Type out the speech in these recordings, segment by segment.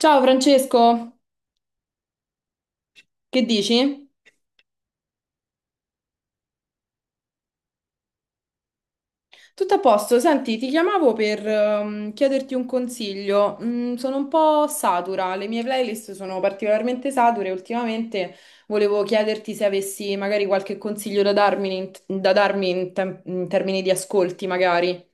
Ciao Francesco, che dici? Tutto a posto, senti, ti chiamavo per chiederti un consiglio. Sono un po' satura, le mie playlist sono particolarmente sature. Ultimamente volevo chiederti se avessi magari qualche consiglio da darmi da darmi in termini di ascolti, magari.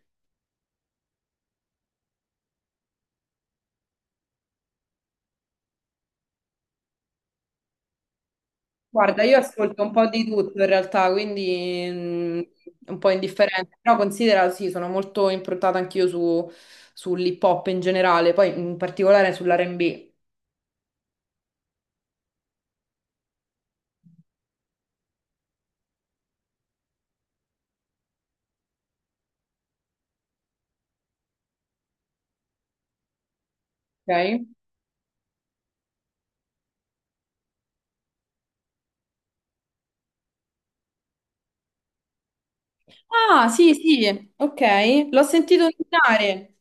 Guarda, io ascolto un po' di tutto in realtà, quindi un po' indifferente, però considera, sì, sono molto improntata anch'io sull'hip hop in generale, poi in particolare sull'R&B. Ok. Ah, sì, sì, ok. L'ho sentito nominare.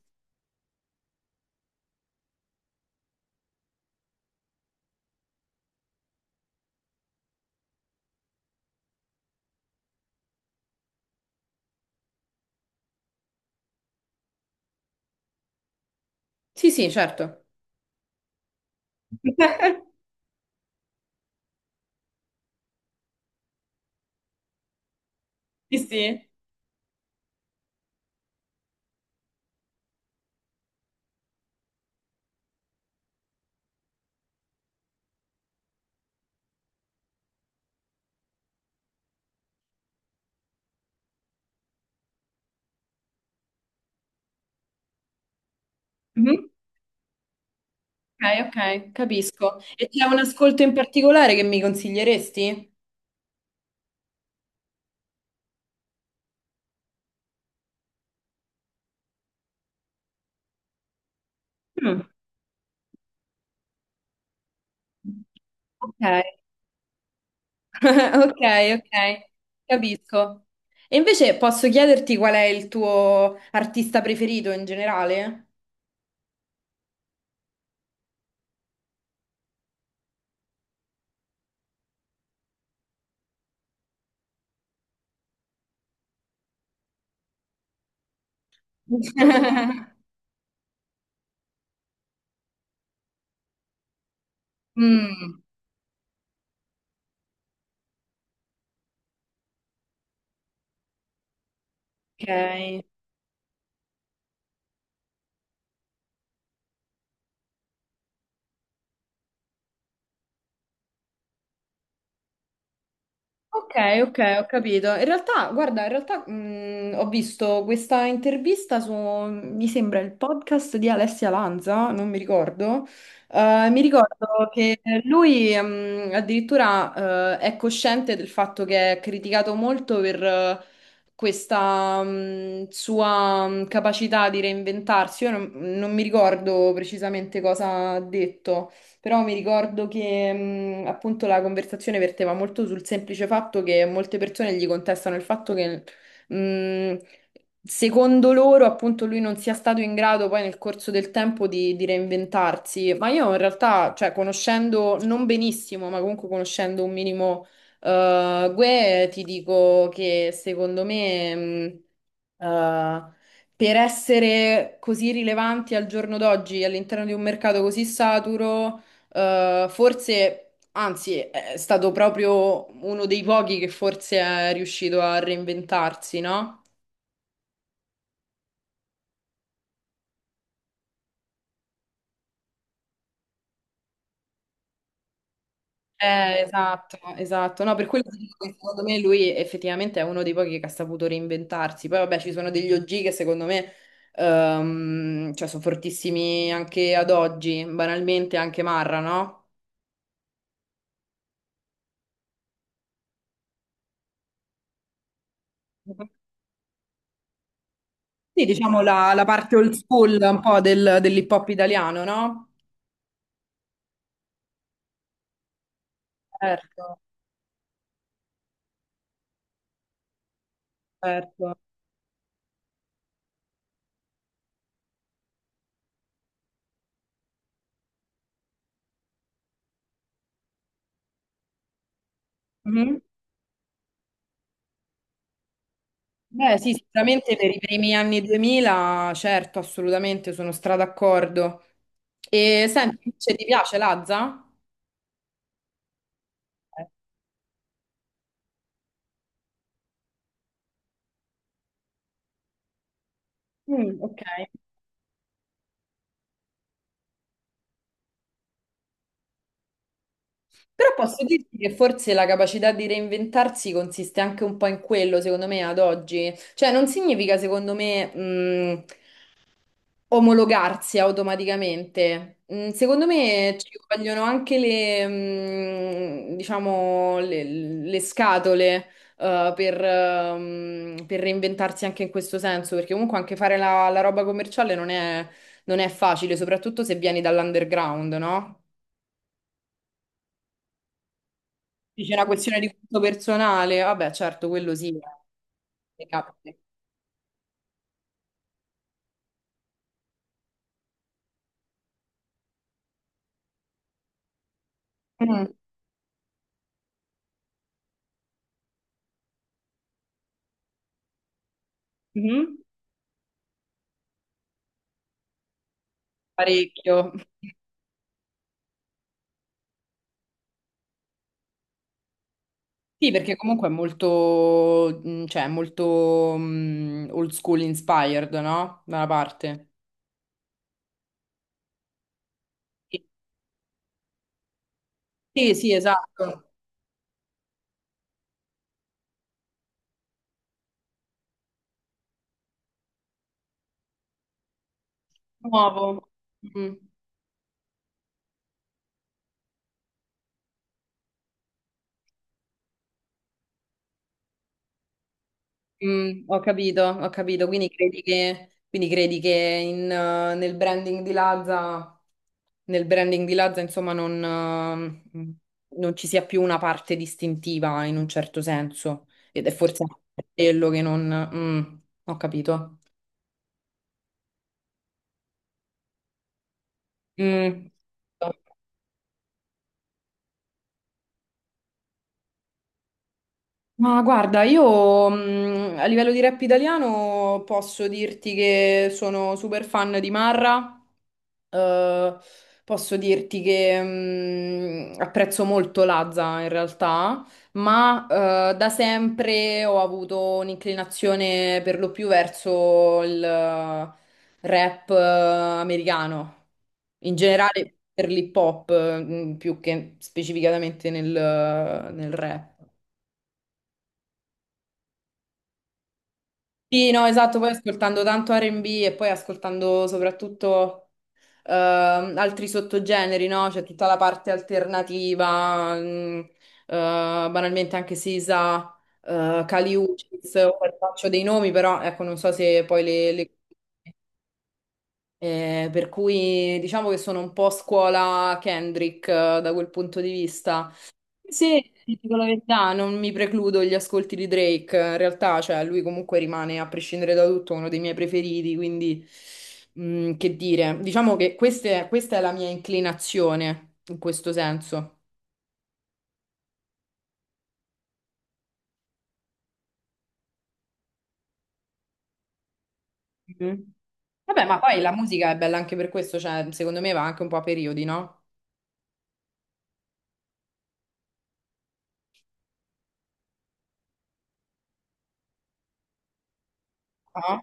Sì, sì, certo. Sì, sì. Mhm. Ok, ok, capisco. E c'è un ascolto in particolare che mi consiglieresti? Mm. Ok, ok, ok, capisco. E invece posso chiederti qual è il tuo artista preferito in generale? Mm, ok, ok, ok, ho capito. In realtà, guarda, in realtà ho visto questa intervista su, mi sembra, il podcast di Alessia Lanza, non mi ricordo. Mi ricordo che lui addirittura è cosciente del fatto che è criticato molto per questa sua capacità di reinventarsi. Io non mi ricordo precisamente cosa ha detto, però mi ricordo che appunto la conversazione verteva molto sul semplice fatto che molte persone gli contestano il fatto che mh, secondo loro appunto lui non sia stato in grado poi nel corso del tempo di reinventarsi, ma io in realtà, cioè conoscendo non benissimo, ma comunque conoscendo un minimo Gue, ti dico che secondo me... mh, eh, per essere così rilevanti al giorno d'oggi all'interno di un mercato così saturo, forse, anzi, è stato proprio uno dei pochi che forse è riuscito a reinventarsi, no? Esatto, esatto. No, per quello ti dico che secondo me lui effettivamente è uno dei pochi che ha saputo reinventarsi. Poi vabbè, ci sono degli OG che secondo me cioè, sono fortissimi anche ad oggi, banalmente anche Marra, no? Sì, diciamo la parte old school un po' dell'hip hop italiano, no? Certo, certo. Mhm. Beh, sì, sicuramente per i primi anni 2000, certo, assolutamente, sono stra d'accordo. E senti, invece ti piace Lazza? Mm, ok. Però posso dirti che forse la capacità di reinventarsi consiste anche un po' in quello, secondo me, ad oggi. Cioè, non significa, secondo me, omologarsi automaticamente. Mm, secondo me ci vogliono anche diciamo, le scatole, per reinventarsi anche in questo senso, perché comunque anche fare la roba commerciale non è, non è facile, soprattutto se vieni dall'underground, no? Sì, c'è una questione di gusto personale, vabbè, certo, quello sì, mi capita. Mm. Mhm. Parecchio. Sì, perché comunque è molto, cioè, è molto old school inspired, no? Da una parte. Sì, sì, sì, esatto. Nuovo. Mm, ho capito, ho capito. Quindi credi quindi credi che nel branding di Lazza, nel branding di Lazza, insomma, eh, mm, non ci sia più una parte distintiva in un certo senso. Ed è forse quello che non... mm, ho capito. Mm. Ma guarda, io a livello di rap italiano posso dirti che sono super fan di Marra, eh, posso dirti che apprezzo molto Lazza in realtà, ma da sempre ho avuto un'inclinazione per lo più verso il rap americano, in generale per l'hip hop, più che specificatamente nel rap. Sì, no, esatto, poi ascoltando tanto R&B e poi ascoltando soprattutto altri sottogeneri, no? C'è tutta la parte alternativa, banalmente anche Sisa, Kali Uchis, ora faccio dei nomi, però ecco, non so se poi per cui diciamo che sono un po' scuola Kendrick da quel punto di vista. Sì, ti dico la verità, non mi precludo gli ascolti di Drake, in realtà, cioè, lui comunque rimane, a prescindere da tutto, uno dei miei preferiti, quindi, che dire, diciamo che questa è la mia inclinazione, in questo senso. Mhm. Vabbè, ma poi la musica è bella anche per questo, cioè, secondo me va anche un po' a periodi, no? No?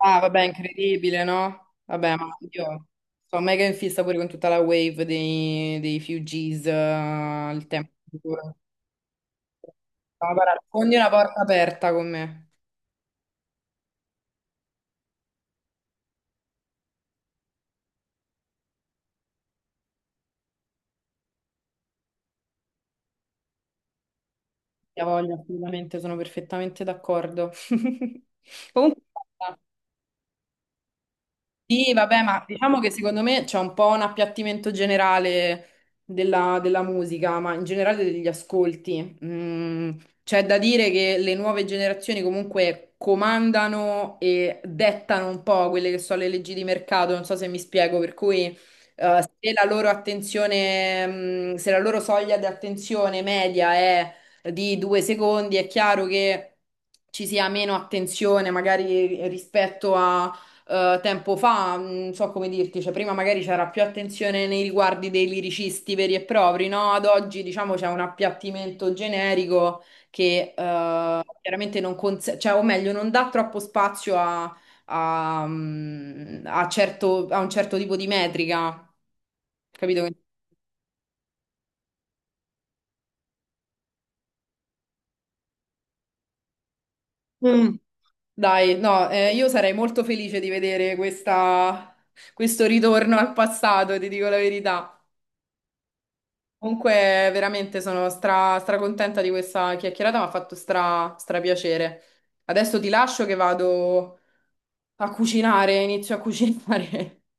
Ah, vabbè, incredibile, no? Vabbè, ma io sono mega in fissa pure con tutta la wave dei Fugees, il tempo. No, guarda, sfondi una porta aperta con me. Ti voglio, assolutamente, sono perfettamente d'accordo. Comunque, sì, vabbè, ma diciamo che secondo me c'è un po' un appiattimento generale della musica, ma in generale degli ascolti. Mm, c'è da dire che le nuove generazioni comunque comandano e dettano un po' quelle che sono le leggi di mercato, non so se mi spiego, per cui se la loro attenzione, se la loro soglia di attenzione media è di 2 secondi, è chiaro che ci sia meno attenzione magari rispetto a tempo fa, non so come dirti, cioè prima magari c'era più attenzione nei riguardi dei liricisti veri e propri, no? Ad oggi diciamo c'è un appiattimento generico che chiaramente non cons- cioè, o meglio, non dà troppo spazio a a un certo tipo di metrica, capito? Mm. Dai, no, io sarei molto felice di vedere questo ritorno al passato, ti dico la verità. Comunque, veramente sono stra, contenta di questa chiacchierata, mi ha fatto stra, stra piacere. Adesso ti lascio che vado a cucinare, inizio a cucinare.